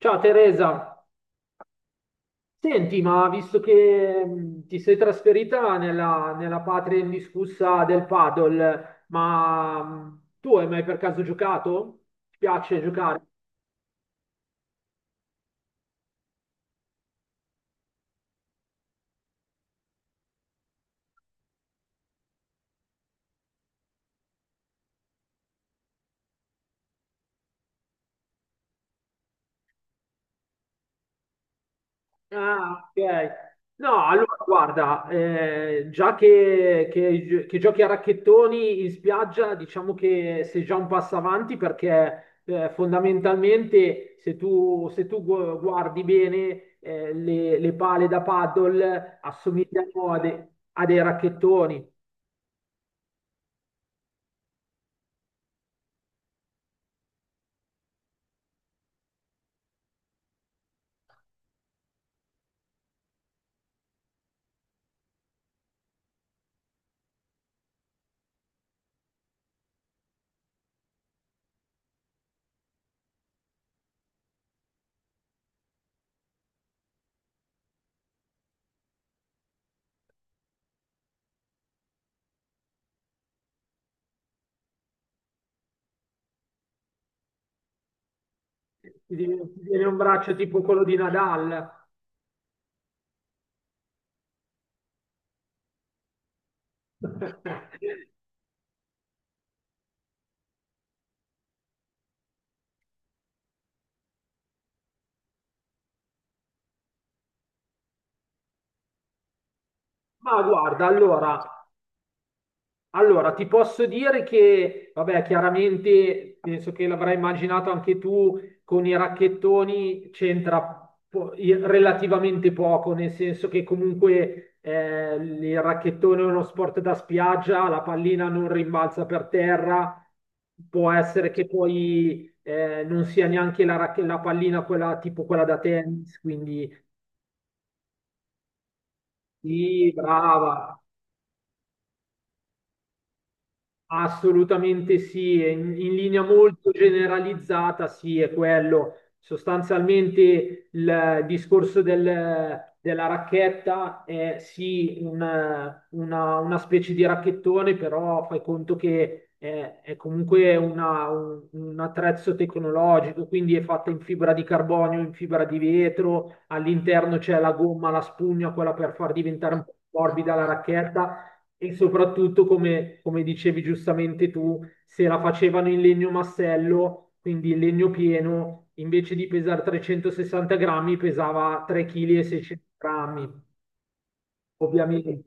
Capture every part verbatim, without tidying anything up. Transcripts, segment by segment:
Ciao Teresa, senti, ma visto che mh, ti sei trasferita nella, nella patria indiscussa del paddle, ma mh, tu hai mai per caso giocato? Ti piace giocare? Ah, ok. No, allora guarda, eh, già che, che- che giochi a racchettoni in spiaggia, diciamo che sei già un passo avanti perché eh, fondamentalmente se tu, se tu gu- guardi bene eh, le, le pale da paddle assomigliano a, de- a dei racchettoni. Ti viene ti viene un braccio tipo quello di Nadal. Ma guarda, allora. Allora, ti posso dire che, vabbè, chiaramente penso che l'avrai immaginato anche tu, con i racchettoni c'entra po- i- relativamente poco, nel senso che comunque eh, il racchettone è uno sport da spiaggia, la pallina non rimbalza per terra, può essere che poi eh, non sia neanche la, racche- la pallina quella tipo quella da tennis, quindi sì, brava. Assolutamente sì, e in, in linea molto generalizzata sì, è quello. Sostanzialmente il discorso del- della racchetta è sì un- una, una specie di racchettone, però fai conto che è, è comunque una- un, un attrezzo tecnologico, quindi è fatta in fibra di carbonio, in fibra di vetro, all'interno c'è la gomma, la spugna, quella per far diventare un po' più morbida la racchetta e soprattutto, come, come dicevi giustamente tu, se la facevano in legno massello, quindi in legno pieno, invece di pesare trecentosessanta grammi, pesava tre virgola sei kg, ovviamente.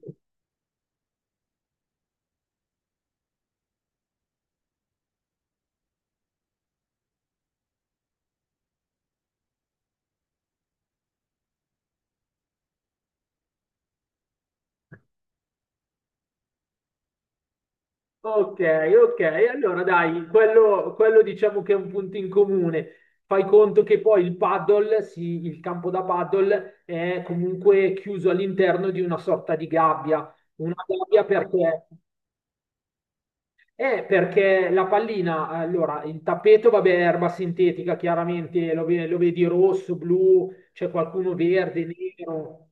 Ok, ok, allora dai, quello, quello diciamo che è un punto in comune. Fai conto che poi il paddle, sì, il campo da paddle è comunque chiuso all'interno di una sorta di gabbia. Una gabbia perché? Eh, perché la pallina, allora, il tappeto, vabbè, è erba sintetica, chiaramente lo, ve- lo vedi rosso, blu, c'è qualcuno verde, nero.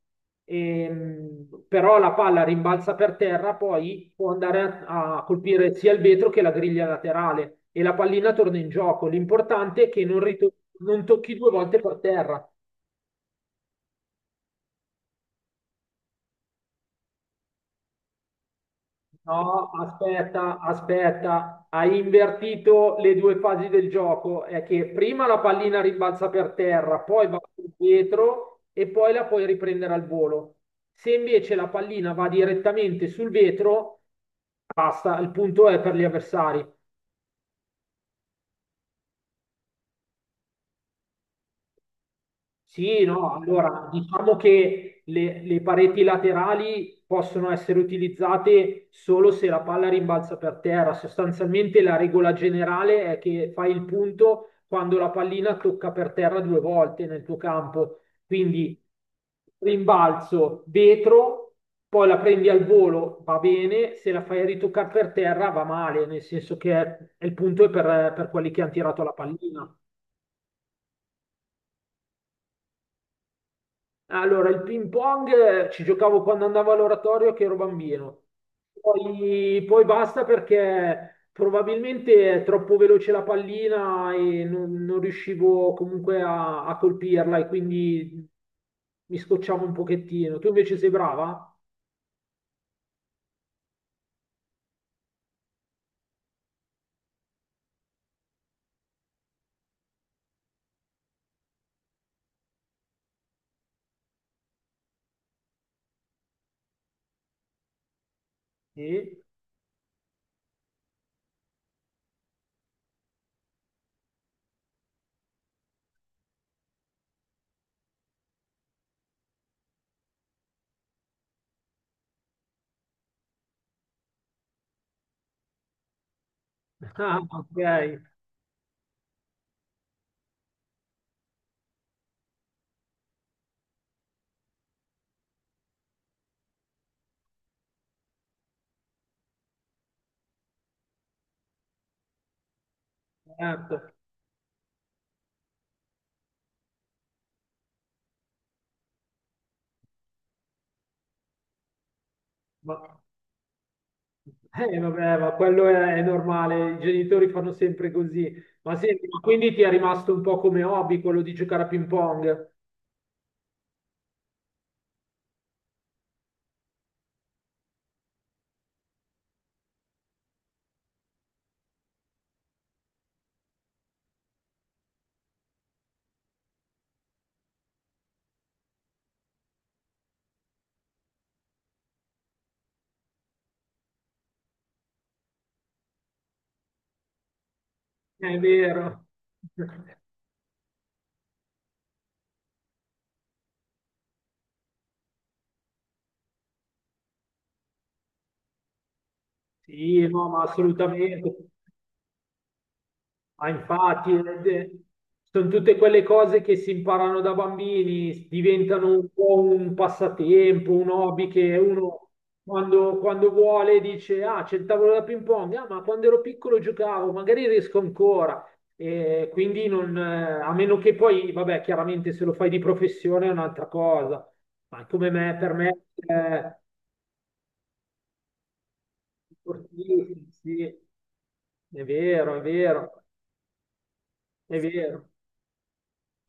Ehm, però la palla rimbalza per terra, poi può andare a, a colpire sia il vetro che la griglia laterale e la pallina torna in gioco. L'importante è che non, ritor- non tocchi due volte per terra. No, aspetta, aspetta, hai invertito le due fasi del gioco. È che prima la pallina rimbalza per terra, poi va sul vetro e poi la puoi riprendere al volo. Se invece la pallina va direttamente sul vetro, basta, il punto è per gli avversari. Sì, no, allora diciamo che le, le pareti laterali possono essere utilizzate solo se la palla rimbalza per terra. Sostanzialmente la regola generale è che fai il punto quando la pallina tocca per terra due volte nel tuo campo. Quindi rimbalzo vetro, poi la prendi al volo, va bene, se la fai ritoccare per terra va male, nel senso che il punto è per per quelli che hanno tirato la pallina. Allora, il ping pong eh, ci giocavo quando andavo all'oratorio che ero bambino. Poi, poi basta perché probabilmente è troppo veloce la pallina e non, non riuscivo comunque a, a colpirla e quindi mi scocciavo un pochettino. Tu invece sei brava? Sì? Ah, ok, certo. Ma, eh, vabbè, ma quello è, è normale, i genitori fanno sempre così. Ma senti, ma quindi ti è rimasto un po' come hobby quello di giocare a ping pong? È vero. Sì, no, ma assolutamente. Ma infatti, ed è- Sono tutte quelle cose che si imparano da bambini, diventano un po' un passatempo, un hobby che uno quando, quando vuole dice, ah, c'è il tavolo da ping pong, ah, ma quando ero piccolo giocavo, magari riesco ancora. E quindi non, eh, a meno che poi, vabbè, chiaramente se lo fai di professione è un'altra cosa, ma come me, per me... eh, sportivi, sì, è vero, è vero, è vero.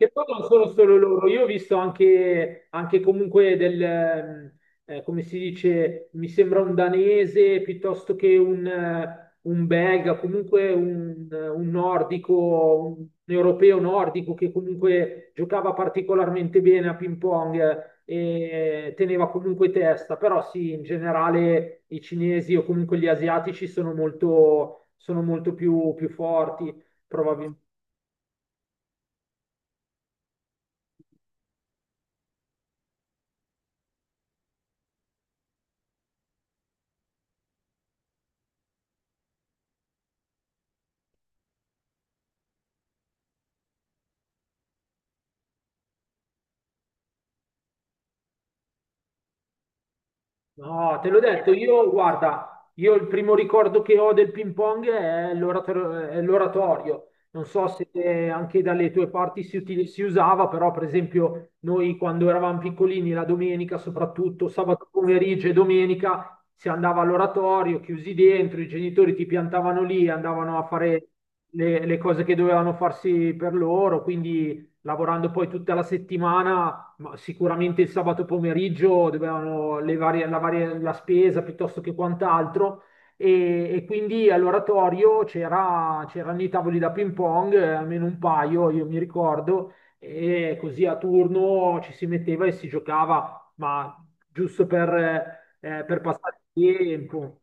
Che poi non sono solo loro, io ho visto anche, anche comunque del, ehm, eh, come si dice, mi sembra un danese piuttosto che un, eh, un belga, comunque un, eh, un nordico, un europeo nordico che comunque giocava particolarmente bene a ping pong eh, e teneva comunque testa, però sì, in generale i cinesi o comunque gli asiatici sono molto, sono molto più, più forti, probabilmente. No, te l'ho detto, io guarda, io il primo ricordo che ho del ping pong è l'orator- è l'oratorio. Non so se eh, anche dalle tue parti si, uti- si usava, però per esempio noi quando eravamo piccolini, la domenica soprattutto, sabato pomeriggio e domenica, si andava all'oratorio, chiusi dentro, i genitori ti piantavano lì, andavano a fare le le cose che dovevano farsi per loro, quindi lavorando poi tutta la settimana ma sicuramente il sabato pomeriggio dovevano levare la, varie- la spesa piuttosto che quant'altro e, e quindi all'oratorio c'era- c'erano i tavoli da ping pong, eh, almeno un paio, io mi ricordo, e così a turno ci si metteva e si giocava, ma giusto per, eh, per passare il tempo.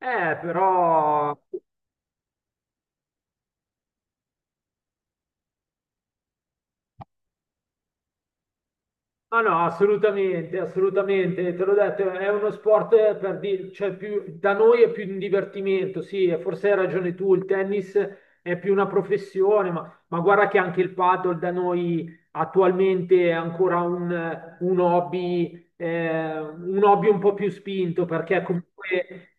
Eh, però ah no, assolutamente, assolutamente, te l'ho detto, è uno sport eh, per dire, cioè più, da noi è più un divertimento, sì, e forse hai ragione tu, il tennis è più una professione, ma, ma guarda che anche il paddle da noi attualmente è ancora un, un hobby, eh, un hobby un po' più spinto, perché comunque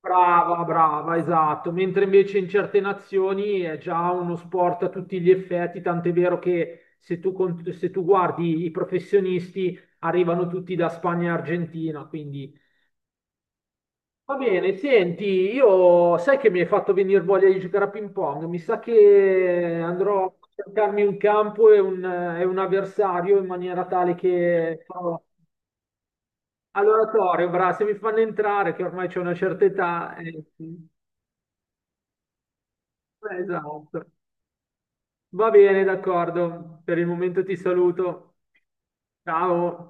brava, brava, esatto. Mentre invece in certe nazioni è già uno sport a tutti gli effetti, tant'è vero che se tu, cont- se tu guardi i professionisti arrivano tutti da Spagna e Argentina, quindi va bene. Senti, io sai che mi hai fatto venire voglia di giocare a ping pong, mi sa che andrò a cercarmi un campo e un, e un avversario in maniera tale che... Allora, Torio, bra, se mi fanno entrare, che ormai c'è una certa età... eh, sì. Eh, esatto. Va bene, d'accordo. Per il momento ti saluto. Ciao.